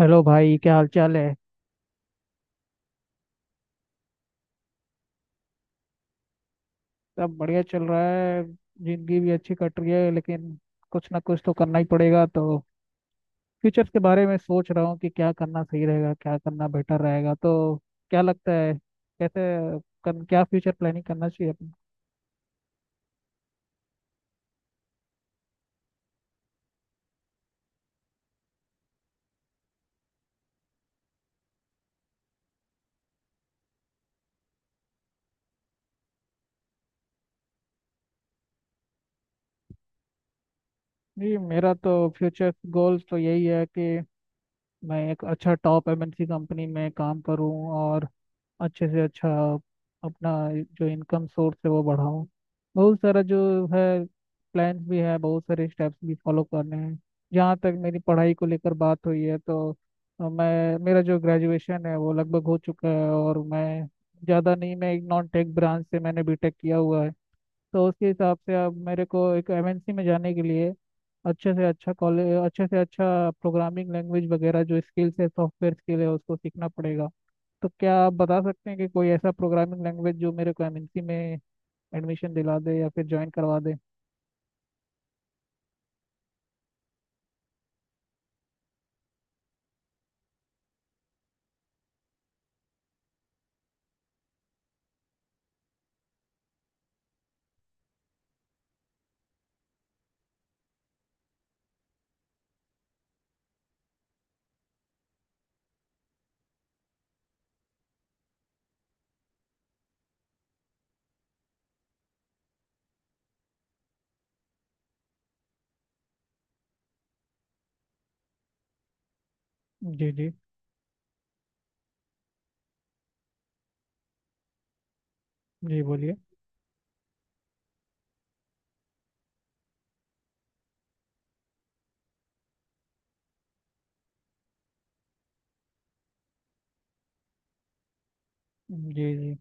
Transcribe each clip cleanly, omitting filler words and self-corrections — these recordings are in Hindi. हेलो भाई, क्या हाल चाल है। सब बढ़िया चल रहा है। जिंदगी भी अच्छी कट रही है, लेकिन कुछ ना कुछ तो करना ही पड़ेगा। तो फ्यूचर के बारे में सोच रहा हूँ कि क्या करना सही रहेगा, क्या करना बेटर रहेगा। तो क्या लगता है, कैसे क्या फ्यूचर प्लानिंग करना चाहिए अपन। जी, मेरा तो फ्यूचर गोल्स तो यही है कि मैं एक अच्छा टॉप एमएनसी कंपनी में काम करूं, और अच्छे से अच्छा अपना जो इनकम सोर्स है वो बढ़ाऊं। बहुत सारा जो है प्लान्स भी है, बहुत सारे स्टेप्स भी फॉलो करने हैं। जहाँ तक मेरी पढ़ाई को लेकर बात हुई है तो मैं मेरा जो ग्रेजुएशन है वो लगभग हो चुका है, और मैं ज़्यादा नहीं, मैं एक नॉन टेक ब्रांच से मैंने बीटेक किया हुआ है। तो उसके हिसाब से आप मेरे को एक एमएनसी में जाने के लिए अच्छे से अच्छा कॉलेज, अच्छे से अच्छा प्रोग्रामिंग लैंग्वेज वगैरह जो स्किल्स है, सॉफ्टवेयर स्किल है, उसको सीखना पड़ेगा। तो क्या आप बता सकते हैं कि कोई ऐसा प्रोग्रामिंग लैंग्वेज जो मेरे को एमएनसी में एडमिशन दिला दे या फिर ज्वाइन करवा दे। जी जी, जी बोलिए। जी जी।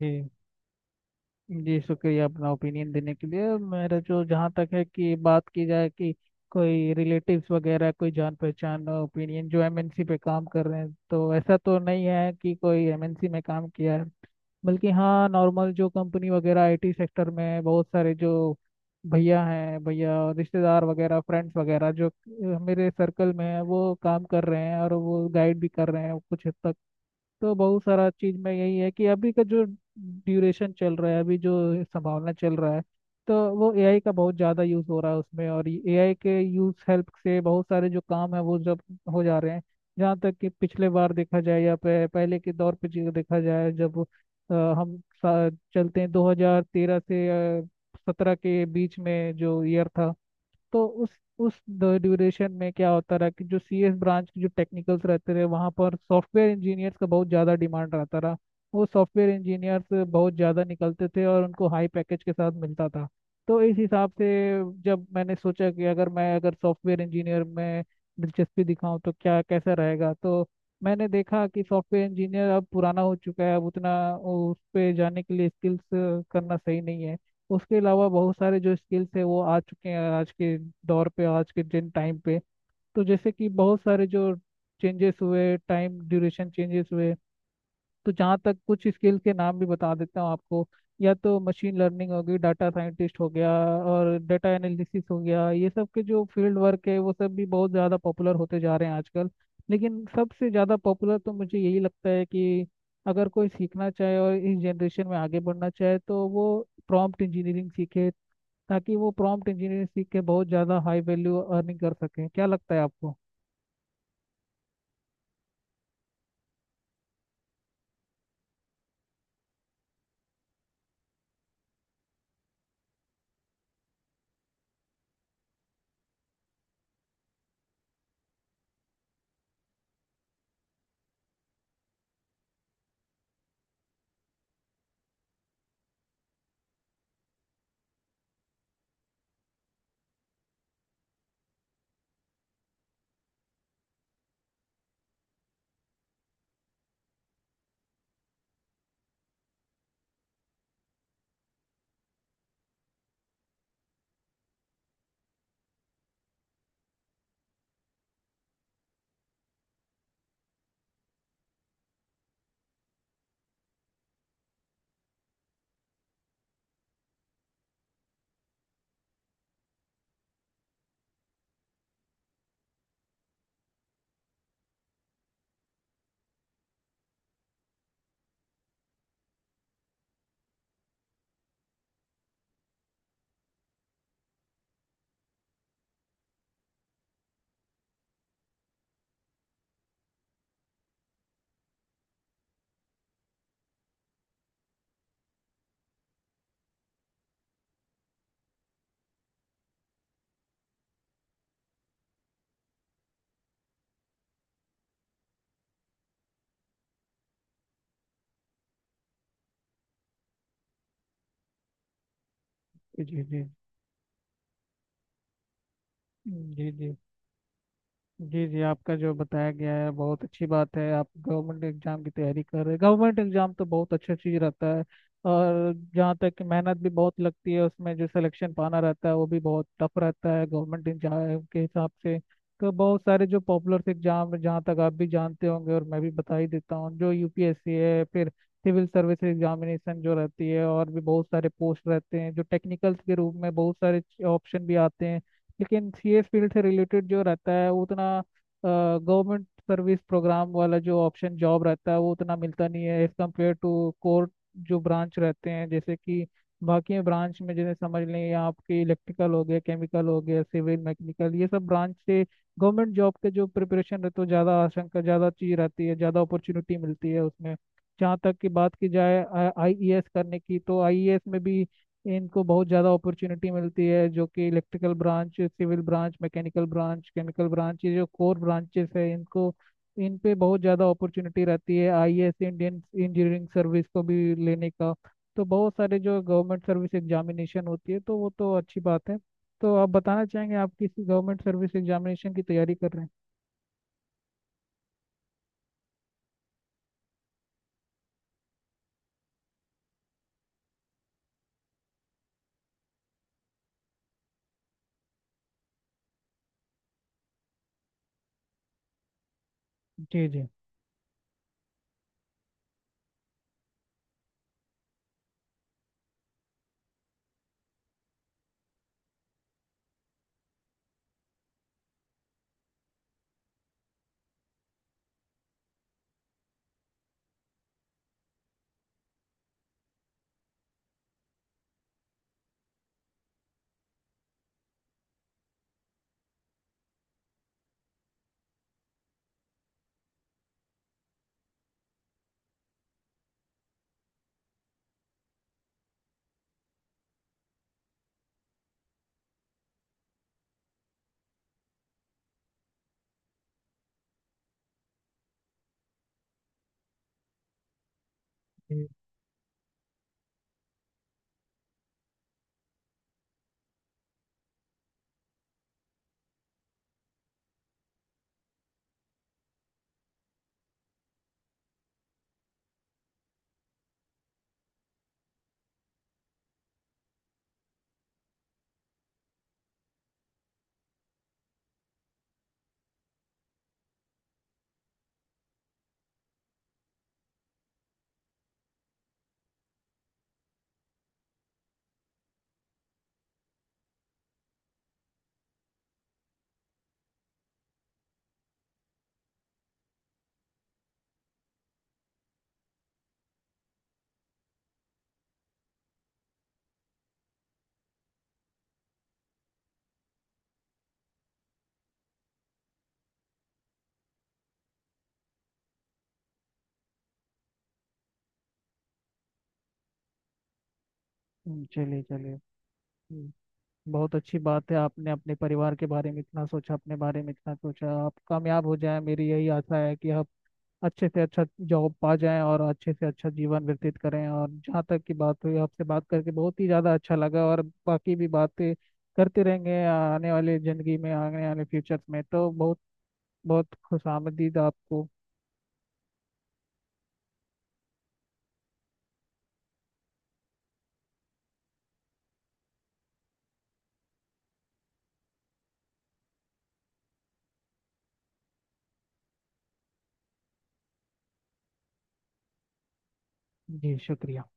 जी जी, शुक्रिया अपना ओपिनियन देने के लिए। मेरा जो, जहाँ तक है कि बात की जाए कि कोई रिलेटिव्स वगैरह कोई जान पहचान ओपिनियन जो एमएनसी पे काम कर रहे हैं, तो ऐसा तो नहीं है कि कोई एमएनसी में काम किया है। बल्कि हाँ, नॉर्मल जो कंपनी वगैरह आईटी सेक्टर में, बहुत सारे जो भैया हैं, भैया और रिश्तेदार वगैरह, फ्रेंड्स वगैरह जो मेरे सर्कल में है वो काम कर रहे हैं और वो गाइड भी कर रहे हैं कुछ हद तक। तो बहुत सारा चीज में यही है कि अभी का जो ड्यूरेशन चल रहा है, अभी जो संभावना चल रहा है, तो वो एआई का बहुत ज़्यादा यूज़ हो रहा है उसमें, और एआई के यूज़ हेल्प से बहुत सारे जो काम है वो जब हो जा रहे हैं। जहाँ तक कि पिछले बार देखा जाए या पहले के दौर पे चीज़ देखा जाए, जब हम चलते हैं 2013 से 17 के बीच में जो ईयर था, तो उस ड्यूरेशन में क्या होता रहा कि जो सीएस ब्रांच के जो टेक्निकल्स रहते रहे वहाँ पर सॉफ्टवेयर इंजीनियर्स का बहुत ज़्यादा डिमांड रहता रहा। वो सॉफ्टवेयर इंजीनियर्स बहुत ज़्यादा निकलते थे और उनको हाई पैकेज के साथ मिलता था। तो इस हिसाब से जब मैंने सोचा कि अगर मैं अगर सॉफ्टवेयर इंजीनियर में दिलचस्पी दिखाऊं तो क्या कैसा रहेगा, तो मैंने देखा कि सॉफ्टवेयर इंजीनियर अब पुराना हो चुका है, अब उतना उस पे जाने के लिए स्किल्स करना सही नहीं है। उसके अलावा बहुत सारे जो स्किल्स है वो आ चुके हैं आज के दौर पे, आज के जिन टाइम पे। तो जैसे कि बहुत सारे जो चेंजेस हुए, टाइम ड्यूरेशन चेंजेस हुए, तो जहाँ तक कुछ स्किल के नाम भी बता देता हूँ आपको। या तो मशीन लर्निंग हो गई, डाटा साइंटिस्ट हो गया, और डाटा एनालिसिस हो गया, ये सब के जो फील्ड वर्क है वो सब भी बहुत ज़्यादा पॉपुलर होते जा रहे हैं आजकल। लेकिन सबसे ज़्यादा पॉपुलर तो मुझे यही लगता है कि अगर कोई सीखना चाहे और इस जनरेशन में आगे बढ़ना चाहे, तो वो प्रॉम्प्ट इंजीनियरिंग सीखे, ताकि वो प्रॉम्प्ट इंजीनियरिंग सीख के बहुत ज़्यादा हाई वैल्यू अर्निंग कर सकें। क्या लगता है आपको। जी जी जी। जी जी जी। आपका जो बताया गया है बहुत अच्छी बात है। आप गवर्नमेंट एग्जाम की तैयारी कर रहे हैं, गवर्नमेंट एग्जाम तो बहुत अच्छा चीज रहता है। और जहाँ तक कि मेहनत भी बहुत लगती है उसमें, जो सिलेक्शन पाना रहता है वो भी बहुत टफ रहता है गवर्नमेंट एग्जाम के हिसाब से। तो बहुत सारे जो पॉपुलर एग्जाम है जहाँ तक आप भी जानते होंगे और मैं भी बता ही देता हूँ, जो यूपीएससी है, फिर सिविल सर्विस एग्जामिनेशन जो रहती है, और भी बहुत सारे पोस्ट रहते हैं जो टेक्निकल्स के रूप में बहुत सारे ऑप्शन भी आते हैं। लेकिन ये फील्ड से रिलेटेड जो रहता है वो उतना, गवर्नमेंट सर्विस प्रोग्राम वाला जो ऑप्शन जॉब रहता है वो उतना मिलता नहीं है एज कम्पेयर टू कोर जो ब्रांच रहते हैं, जैसे कि बाकी ब्रांच में, जैसे समझ लें या आपके इलेक्ट्रिकल हो गया, केमिकल हो गया, सिविल, मैकेनिकल, ये सब ब्रांच से गवर्नमेंट जॉब के जो प्रिपरेशन रहता है, ज़्यादा आशंका, ज़्यादा चीज़ रहती है, ज़्यादा अपॉर्चुनिटी मिलती है उसमें। जहाँ तक की बात की जाए आईईएस करने की, तो आईईएस में भी इनको बहुत ज़्यादा अपॉर्चुनिटी मिलती है, जो कि electrical branch, civil branch, mechanical branch, chemical branch, ये जो कोर ब्रांचेस है इनको, इन पे बहुत ज़्यादा अपॉर्चुनिटी रहती है आईएएस इंडियन इंजीनियरिंग सर्विस को भी लेने का। तो बहुत सारे जो गवर्नमेंट सर्विस एग्जामिनेशन होती है, तो वो तो अच्छी बात है। तो आप बताना चाहेंगे आप किस गवर्नमेंट सर्विस एग्जामिनेशन की तैयारी कर रहे हैं। जी जी। जी, चलिए चलिए। बहुत अच्छी बात है, आपने अपने परिवार के बारे में इतना सोचा, अपने बारे में इतना सोचा। आप कामयाब हो जाएं, मेरी यही आशा है कि आप अच्छे से अच्छा जॉब पा जाएं और अच्छे से अच्छा जीवन व्यतीत करें। और जहाँ तक की बात हुई, आपसे बात करके बहुत ही ज़्यादा अच्छा लगा और बाकी भी बातें करते रहेंगे आने वाले ज़िंदगी में, आने वाले फ्यूचर में। तो बहुत बहुत खुश आपको। जी शुक्रिया।